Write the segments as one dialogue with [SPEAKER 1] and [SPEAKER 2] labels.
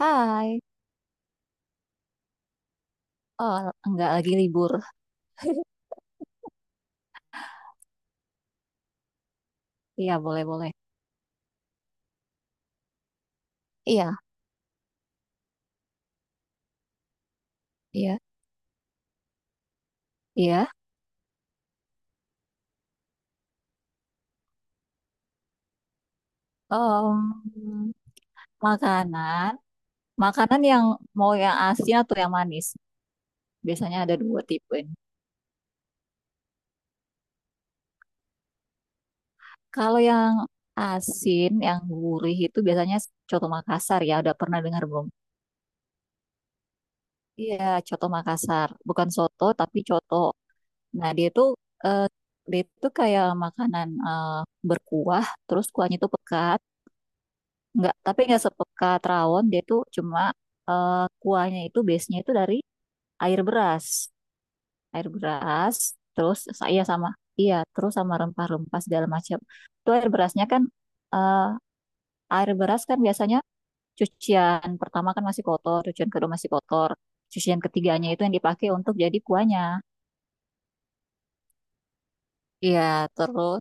[SPEAKER 1] Hai. Oh, enggak, lagi libur. Iya, boleh-boleh. Iya, iya, iya. Em, makanan, makanan yang mau yang asin atau yang manis. Biasanya ada dua tipe ini. Kalau yang asin, yang gurih itu biasanya coto Makassar, ya, udah pernah dengar belum? Iya, coto Makassar. Bukan soto, tapi coto. Nah, eh, dia itu kayak makanan berkuah, terus kuahnya itu pekat. Nggak, tapi nggak sepeka rawon. Dia tuh cuma kuahnya itu base-nya itu dari air beras, air beras. Terus saya sama iya, terus sama rempah-rempah segala macam. Itu air berasnya kan eh, air beras kan biasanya cucian pertama kan masih kotor, cucian kedua masih kotor, cucian ketiganya itu yang dipakai untuk jadi kuahnya. Iya, terus.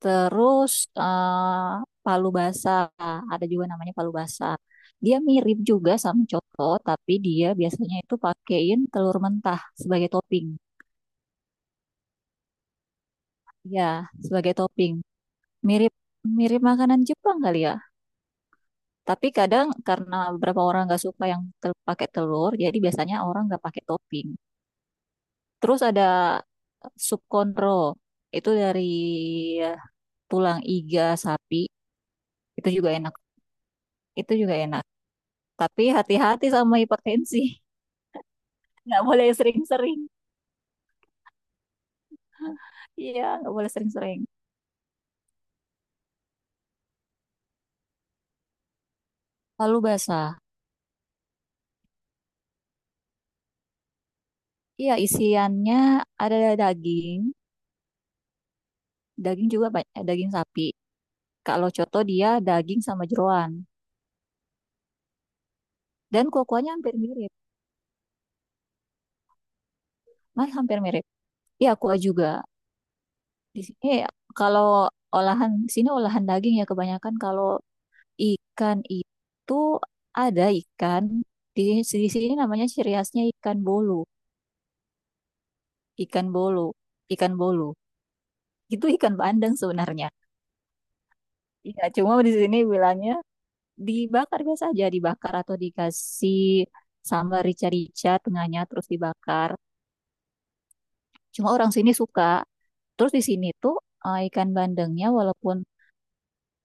[SPEAKER 1] Terus eh, palu basah, ada juga namanya palu basah. Dia mirip juga sama coto, tapi dia biasanya itu pakein telur mentah sebagai topping. Ya, sebagai topping. Mirip mirip makanan Jepang kali ya. Tapi kadang karena beberapa orang nggak suka yang pakai telur, jadi biasanya orang nggak pakai topping. Terus ada sup konro, itu dari tulang iga sapi, itu juga enak. Itu juga enak. Tapi hati-hati sama hipertensi. Nggak boleh sering-sering. Iya, nggak boleh sering-sering. Lalu basah. Iya, isiannya ada daging. Daging sapi. Kalau coto dia daging sama jeroan. Dan kuah-kuahnya hampir mirip. Mas hampir mirip. Iya, kuah juga. Di sini kalau olahan, sini olahan daging ya kebanyakan. Kalau ikan itu ada ikan. Di sini namanya ciri khasnya ikan bolu. Ikan bolu. Ikan bolu. Itu ikan bandeng sebenarnya. Iya, cuma di sini bilangnya dibakar biasa aja, dibakar atau dikasih sambal rica-rica tengahnya terus dibakar. Cuma orang sini suka. Terus di sini tuh ikan bandengnya walaupun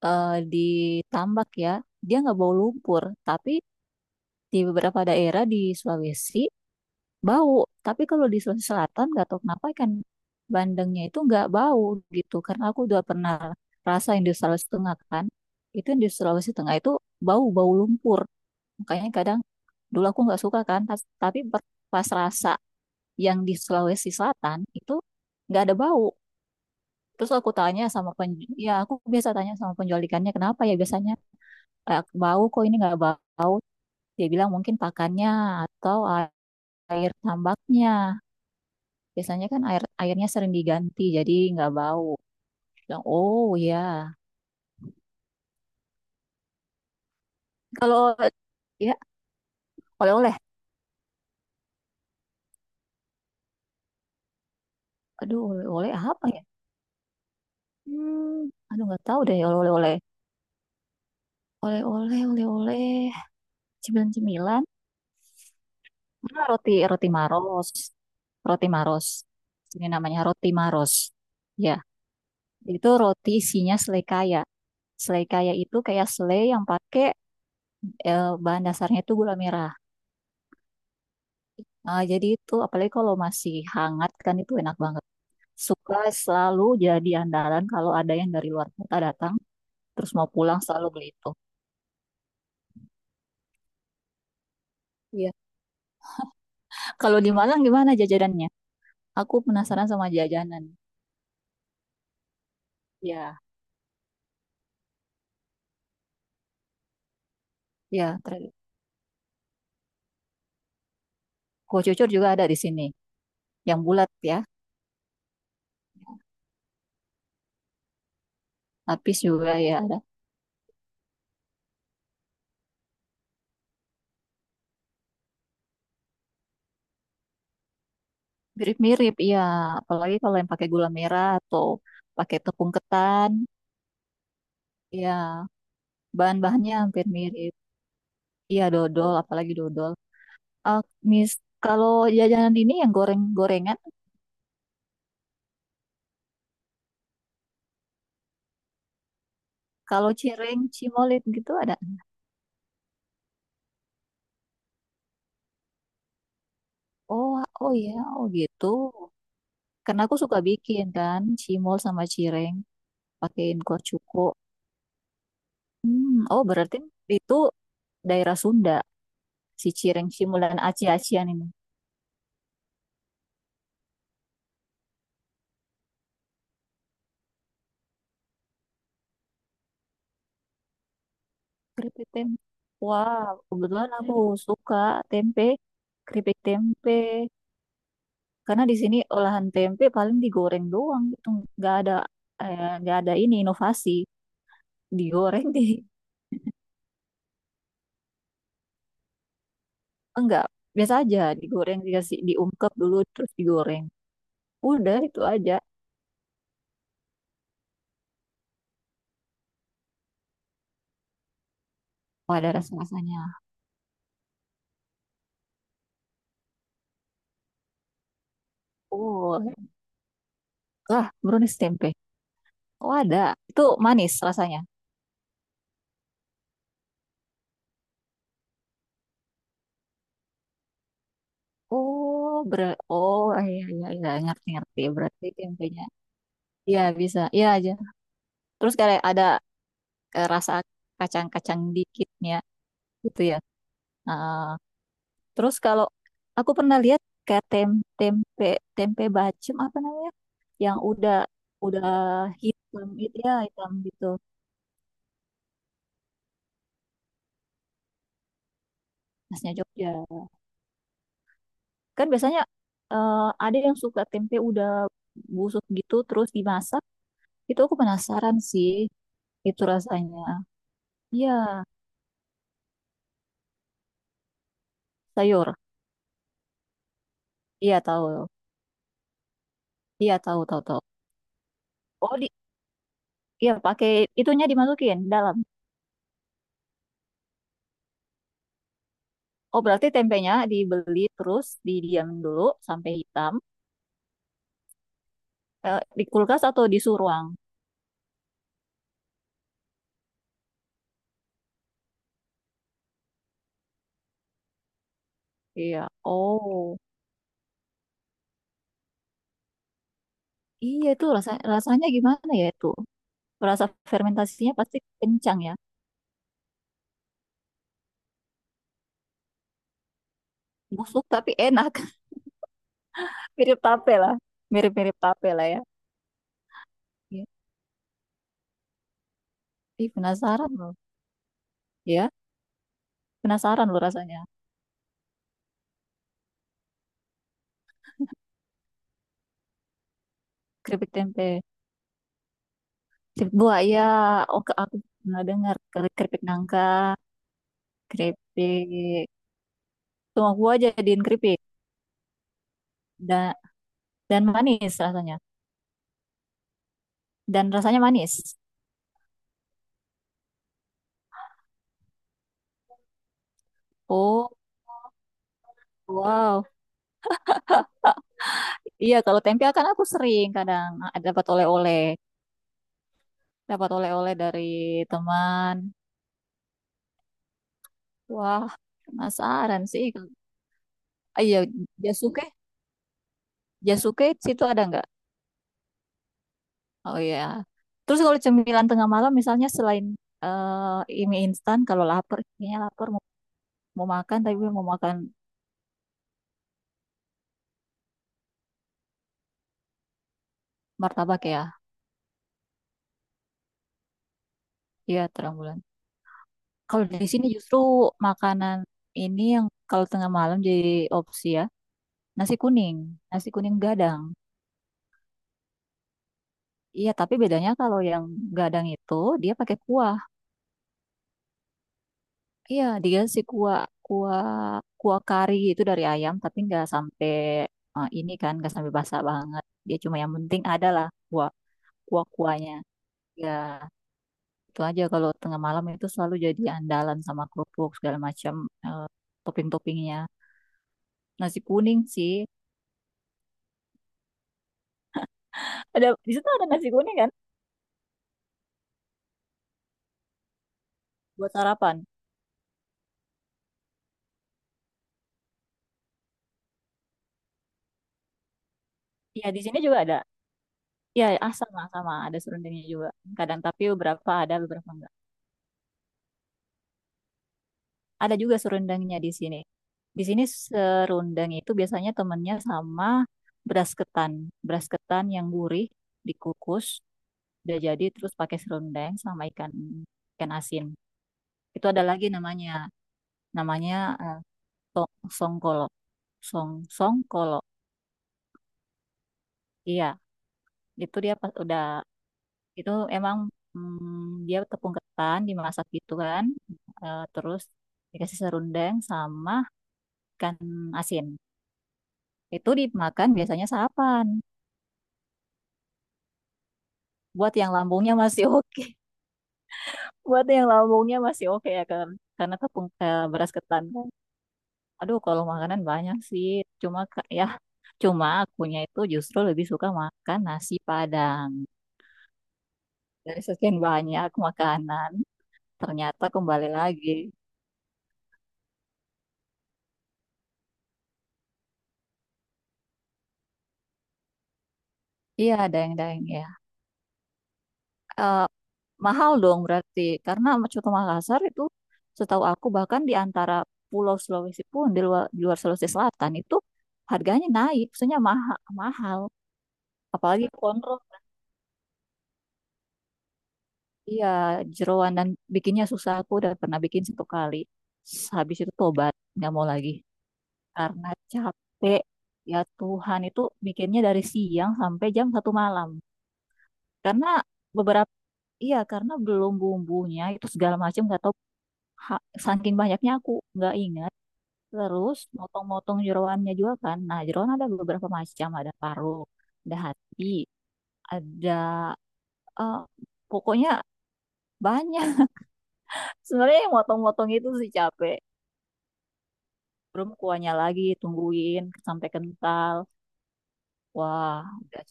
[SPEAKER 1] ditambak ya, dia nggak bau lumpur. Tapi di beberapa daerah di Sulawesi bau. Tapi kalau di Sulawesi Selatan nggak tahu kenapa ikan bandengnya itu nggak bau gitu. Karena aku udah pernah rasain di Sulawesi Tengah kan. Itu yang di Sulawesi Tengah itu bau-bau lumpur. Makanya kadang dulu aku nggak suka, kan. Tapi pas rasa yang di Sulawesi Selatan itu nggak ada bau. Terus aku tanya sama penjual, ya aku biasa tanya sama penjual ikannya kenapa ya biasanya, "Eh, bau, kok ini nggak bau." Dia bilang mungkin pakannya atau air tambaknya. Biasanya kan airnya sering diganti jadi nggak bau. Bilang, oh ya. Kalau ya oleh-oleh. Aduh, oleh-oleh apa ya? Hmm, aduh nggak tahu deh oleh-oleh. Oleh-oleh, oleh-oleh. Cemilan-cemilan. Ah, roti roti Maros. Roti Maros. Ini namanya roti Maros. Ya, itu roti isinya selai kaya. Selai kaya itu kayak selai yang pakai bahan dasarnya itu gula merah. Ah, jadi itu apalagi kalau masih hangat kan itu enak banget. Suka selalu jadi andalan kalau ada yang dari luar kota datang, terus mau pulang selalu beli itu. Iya. Kalau di Malang gimana jajanannya? Aku penasaran sama jajanan. Ya, ya. Kue cucur juga ada di sini. Yang bulat ya, lapis juga ya ada. Mirip-mirip, iya. Apalagi kalau yang pakai gula merah atau pakai tepung ketan, ya. Bahan-bahannya hampir mirip. Iya, dodol, apalagi dodol. Ah, mis, kalau jajanan ini yang goreng-gorengan, kalau cireng, cimolit gitu ada. Oh, oh iya, oh gitu. Karena aku suka bikin kan, cimol sama cireng, pakein kuah cuko. Hmm, oh berarti itu daerah Sunda, si cireng, cimol dan aci-acian ini. Keripik tempe. Wah, kebetulan aku suka tempe, keripik tempe. Karena di sini olahan tempe paling digoreng doang gitu, nggak ada nggak ada ini inovasi, digoreng di enggak, biasa aja digoreng dikasih diungkep dulu terus digoreng. Udah itu aja. Oh, ada rasa-rasanya. Oh, ah, brownies tempe. Oh, ada. Itu manis rasanya. Oh, oh iya iya iya ngerti ngerti. Berarti tempenya. Iya, bisa. Iya aja. Terus kayak ada rasa kacang-kacang dikitnya gitu ya. Ah, terus kalau aku pernah lihat kayak tempe tempe bacem apa namanya? Yang udah hitam itu ya, hitam gitu. Khasnya Jogja. Kan biasanya eh, ada yang suka tempe udah busuk gitu terus dimasak. Itu aku penasaran sih itu rasanya. Iya, sayur. Iya tahu. Iya tahu tahu tahu. Oh, iya, pakai itunya dimasukin dalam. Oh, berarti tempenya dibeli terus didiam dulu sampai hitam di kulkas atau di suhu ruang. Iya. Oh, iya itu rasanya gimana ya itu? Rasa fermentasinya pasti kencang ya. Busuk tapi enak. Mirip tape lah. Mirip-mirip tape lah ya. Iya. Ih, penasaran loh. Ya, penasaran loh rasanya. Keripik tempe. Keripik buah, ya. Oh, aku pernah dengar. Keripik nangka, keripik. Cuma gua jadiin keripik. Dan, dan manis rasanya. Dan rasanya manis. Oh, wow. Iya, kalau tempe kan aku sering kadang dapat oleh-oleh. Dapat oleh-oleh dari teman. Wah, penasaran sih. Iya, jasuke. Jasuke situ ada nggak? Oh ya. Terus kalau cemilan tengah malam misalnya selain mie instan kalau lapar kayaknya lapar mau makan tapi mau makan martabak ya. Iya, terang bulan. Kalau di sini justru makanan ini yang kalau tengah malam jadi opsi ya. Nasi kuning, nasi kuning gadang. Iya, tapi bedanya kalau yang gadang itu dia pakai kuah. Iya, dia si kuah kuah kuah kari itu dari ayam tapi nggak sampai ini kan nggak sampai basah banget. Dia cuma yang penting ada lah kuah-kuahnya. Ya, itu aja kalau tengah malam itu selalu jadi andalan sama kerupuk segala macam eh, topping-toppingnya. Nasi kuning sih. Di situ ada nasi kuning kan buat sarapan. Ya, di sini juga ada. Ya, ah, sama sama ada serundengnya juga. Kadang tapi beberapa ada, beberapa enggak. Ada juga serundengnya di sini. Di sini serundeng itu biasanya temennya sama beras ketan. Beras ketan yang gurih dikukus udah jadi terus pakai serundeng sama ikan ikan asin. Itu ada lagi namanya, eh, songkolo, song songkolo. Iya, itu dia pas udah itu emang dia tepung ketan dimasak gitu kan. Eh, terus dikasih serundeng sama ikan asin. Itu dimakan biasanya sarapan. Buat yang lambungnya masih oke, buat yang lambungnya masih oke ya kan, karena tepung beras ketan kan. Aduh, kalau makanan banyak sih, cuma ya cuma akunya itu justru lebih suka makan nasi Padang. Dari sekian banyak makanan, ternyata kembali lagi. Iya, daeng-daeng ya. Eh, mahal dong berarti, karena coto Makassar itu setahu aku bahkan di antara Pulau Sulawesi pun di luar, Sulawesi Selatan itu harganya naik, maksudnya mahal, mahal. Apalagi kontrol, iya jeroan dan bikinnya susah. Aku udah pernah bikin satu kali, habis itu tobat, nggak mau lagi karena capek. Ya Tuhan, itu bikinnya dari siang sampai jam 1 malam. Karena beberapa Iya karena belum bumbunya itu segala macam nggak tahu saking banyaknya aku nggak ingat. Terus motong-motong jeroannya juga kan, nah jeroan ada beberapa macam, ada paru, ada hati, ada eh, pokoknya banyak. Sebenarnya yang motong-motong itu sih capek, belum kuahnya lagi tungguin sampai kental, wah udah.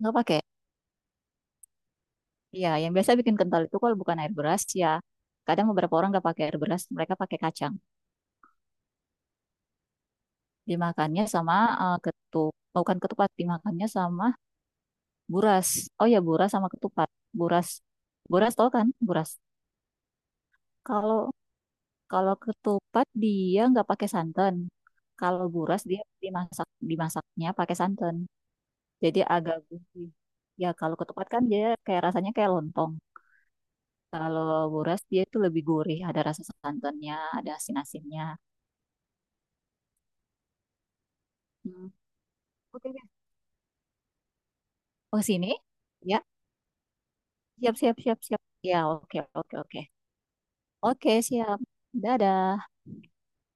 [SPEAKER 1] Nggak pakai. Iya yang biasa bikin kental itu kalau bukan air beras ya kadang beberapa orang nggak pakai air beras mereka pakai kacang. Dimakannya sama bukan ketupat, dimakannya sama buras. Oh ya, buras sama ketupat. Buras buras tau kan, buras? Kalau kalau ketupat dia nggak pakai santan, kalau buras dia dimasaknya pakai santan, jadi agak gurih ya. Kalau ketupat kan dia kayak rasanya kayak lontong, kalau buras dia itu lebih gurih, ada rasa santannya, ada asin asinnya. Hmm. Oke oke. Oh sini ya, siap siap siap siap ya oke oke oke. Oke, siap. Dadah.